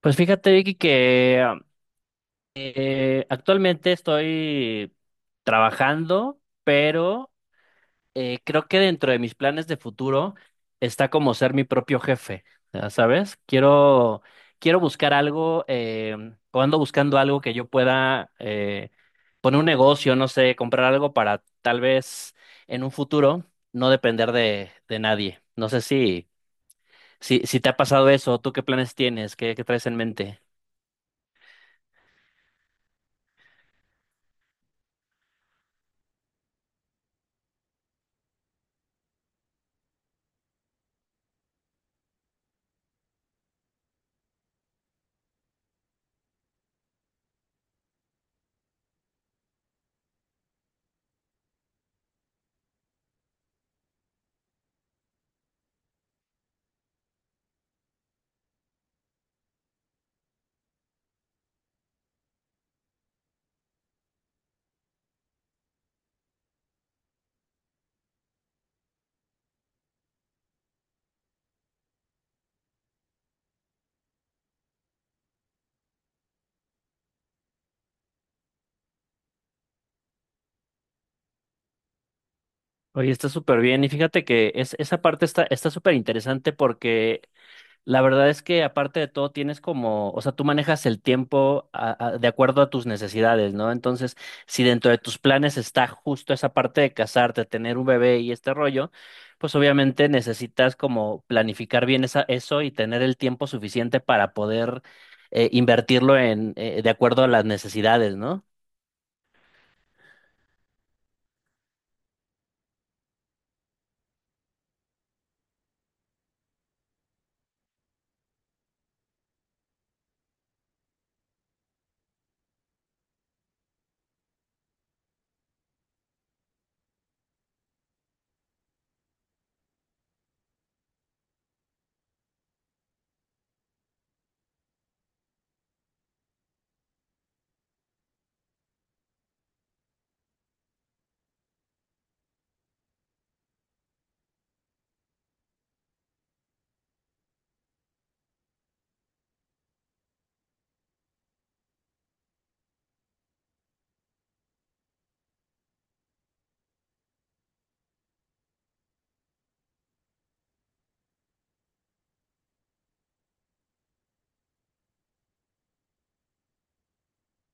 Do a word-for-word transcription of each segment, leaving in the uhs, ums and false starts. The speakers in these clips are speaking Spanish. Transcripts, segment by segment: Pues fíjate, Vicky, que um, eh, actualmente estoy trabajando, pero eh, creo que dentro de mis planes de futuro está como ser mi propio jefe, ya ¿sabes? Quiero, quiero buscar algo, eh, o ando buscando algo que yo pueda eh, poner un negocio, no sé, comprar algo para tal vez en un futuro no depender de, de nadie. No sé si, si, si te ha pasado eso. ¿Tú qué planes tienes? ¿Qué, qué traes en mente? Oye, está súper bien. Y fíjate que es, esa parte está, está súper interesante porque la verdad es que aparte de todo tienes como, o sea, tú manejas el tiempo a- a- de acuerdo a tus necesidades, ¿no? Entonces, si dentro de tus planes está justo esa parte de casarte, tener un bebé y este rollo, pues obviamente necesitas como planificar bien esa, eso y tener el tiempo suficiente para poder eh, invertirlo en, eh, de acuerdo a las necesidades, ¿no?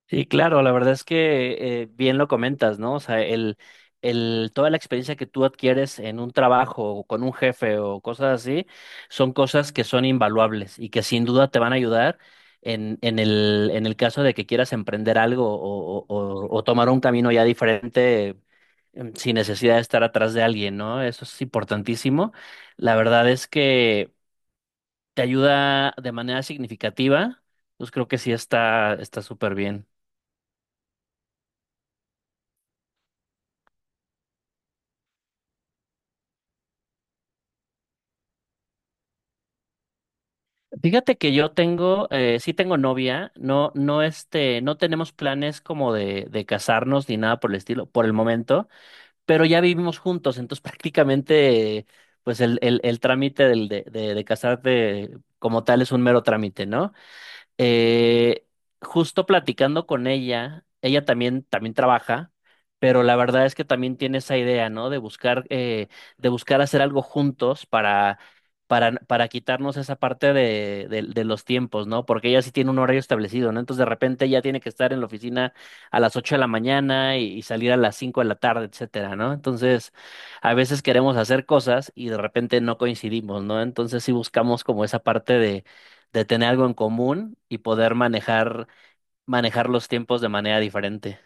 Sí, claro, la verdad es que eh, bien lo comentas, ¿no? O sea, el, el, toda la experiencia que tú adquieres en un trabajo o con un jefe o cosas así, son cosas que son invaluables y que sin duda te van a ayudar en, en el, en el caso de que quieras emprender algo o, o- o- o tomar un camino ya diferente, em, sin necesidad de estar atrás de alguien, ¿no? Eso es importantísimo. La verdad es que te ayuda de manera significativa, pues creo que sí está, está súper bien. Fíjate que yo tengo, eh, sí tengo novia, no, no este, no tenemos planes como de, de casarnos ni nada por el estilo, por el momento, pero ya vivimos juntos, entonces prácticamente, pues el, el, el trámite del, de, de, de casarte como tal es un mero trámite, ¿no? Eh, justo platicando con ella, ella también, también trabaja, pero la verdad es que también tiene esa idea, ¿no? De buscar, eh, de buscar hacer algo juntos para, para, para quitarnos esa parte de, de, de los tiempos, ¿no? Porque ella sí tiene un horario establecido, ¿no? Entonces de repente ella tiene que estar en la oficina a las ocho de la mañana y, y salir a las cinco de la tarde, etcétera, ¿no? Entonces a veces queremos hacer cosas y de repente no coincidimos, ¿no? Entonces sí buscamos como esa parte de tener algo en común y poder manejar, manejar los tiempos de manera diferente.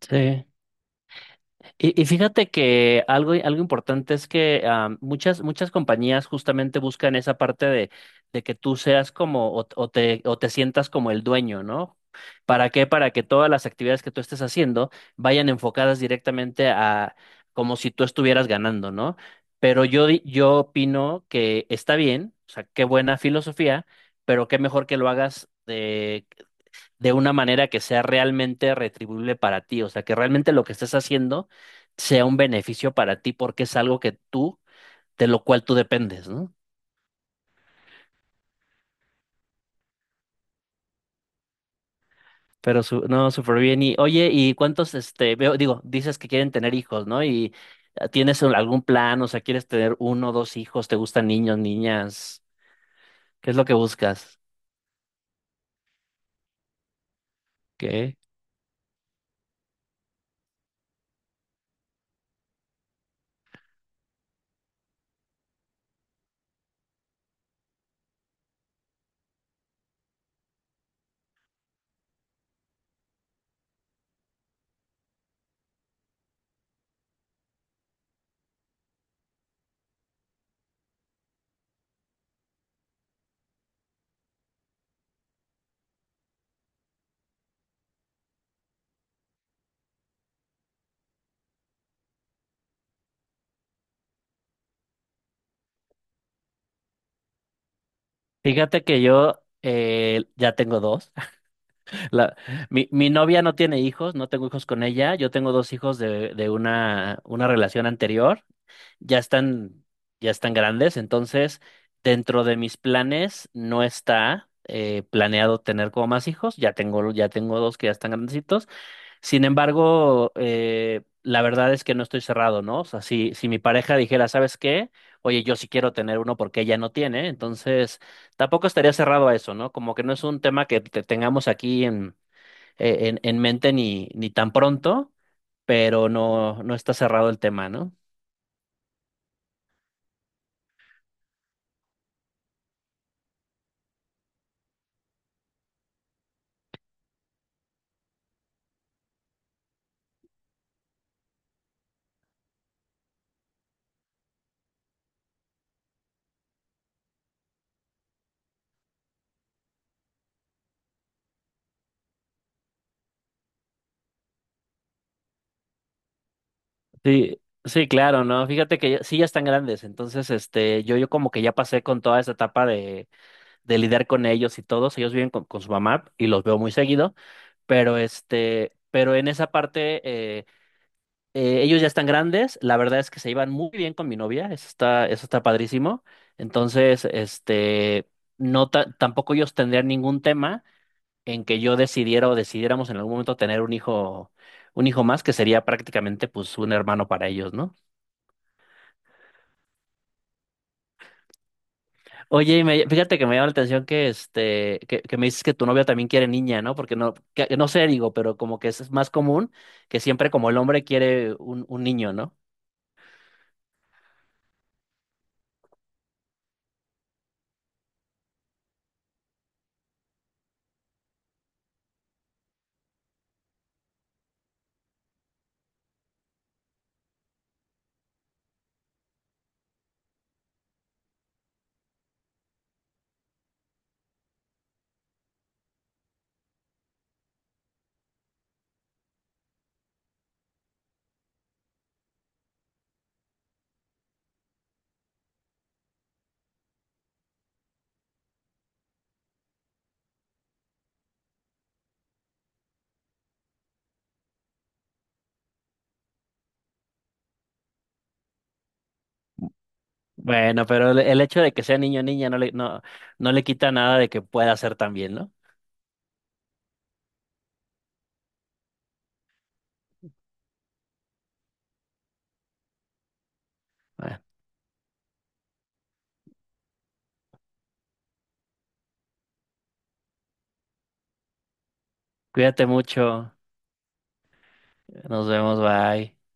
Sí. Y, y fíjate que algo, algo importante es que ah, muchas, muchas compañías justamente buscan esa parte de, de que tú seas como o, o te, o te sientas como el dueño, ¿no? ¿Para qué? Para que todas las actividades que tú estés haciendo vayan enfocadas directamente a como si tú estuvieras ganando, ¿no? Pero yo, di- yo opino que está bien, o sea, qué buena filosofía, pero qué mejor que lo hagas de una manera que sea realmente retribuible para ti, o sea, que realmente lo que estés haciendo sea un beneficio para ti porque es algo que tú, de lo cual tú dependes, ¿no? Pero su, no, súper bien. Y oye, ¿y cuántos, este, veo, digo, dices que quieren tener hijos, ¿no? ¿Y eh, tienes un- algún plan? O sea, ¿quieres tener uno o dos hijos? ¿Te gustan niños, niñas? ¿Qué es lo que buscas? ¿Qué? Fíjate que yo eh, ya tengo dos. La, mi, mi novia no tiene hijos, no tengo hijos con ella. Yo tengo dos hijos de, de una, una relación anterior. Ya están, ya están grandes, entonces dentro de mis planes no está eh, planeado tener como más hijos. Ya tengo, ya tengo dos que ya están grandecitos. Sin embargo, eh, la verdad es que no estoy cerrado, ¿no? O sea, si, si mi pareja dijera, ¿sabes qué? Oye, yo sí quiero tener uno porque ella no tiene, entonces tampoco estaría cerrado a eso, ¿no? Como que no es un tema que te- tengamos aquí en eh, en, en mente ni, ni tan pronto, pero no, no está cerrado el tema, ¿no? Sí, sí, claro, ¿no? Fíjate que ya- sí ya están grandes, entonces este, yo, yo como que ya pasé con toda esa etapa de, de lidiar con ellos y todos, ellos viven con, con su mamá y los veo muy seguido, pero este, pero en esa parte eh, eh, ellos ya están grandes, la verdad es que se iban muy bien con mi novia, eso está, eso está padrísimo, entonces este, no ta- tampoco ellos tendrían ningún tema en que yo decidiera o decidiéramos en algún momento tener un hijo, un hijo más, que sería prácticamente pues un hermano para ellos, ¿no? Oye, y me- fíjate que me llama la atención que este, que, que me dices que tu novia también quiere niña, ¿no? Porque no, que- que no sé, digo, pero como que es más común que siempre como el hombre quiere un, un niño, ¿no? Bueno, pero el, el hecho de que sea niño o niña no le, no, no le quita nada de que pueda ser también, ¿no? Bueno, cuídate mucho, nos vemos, bye.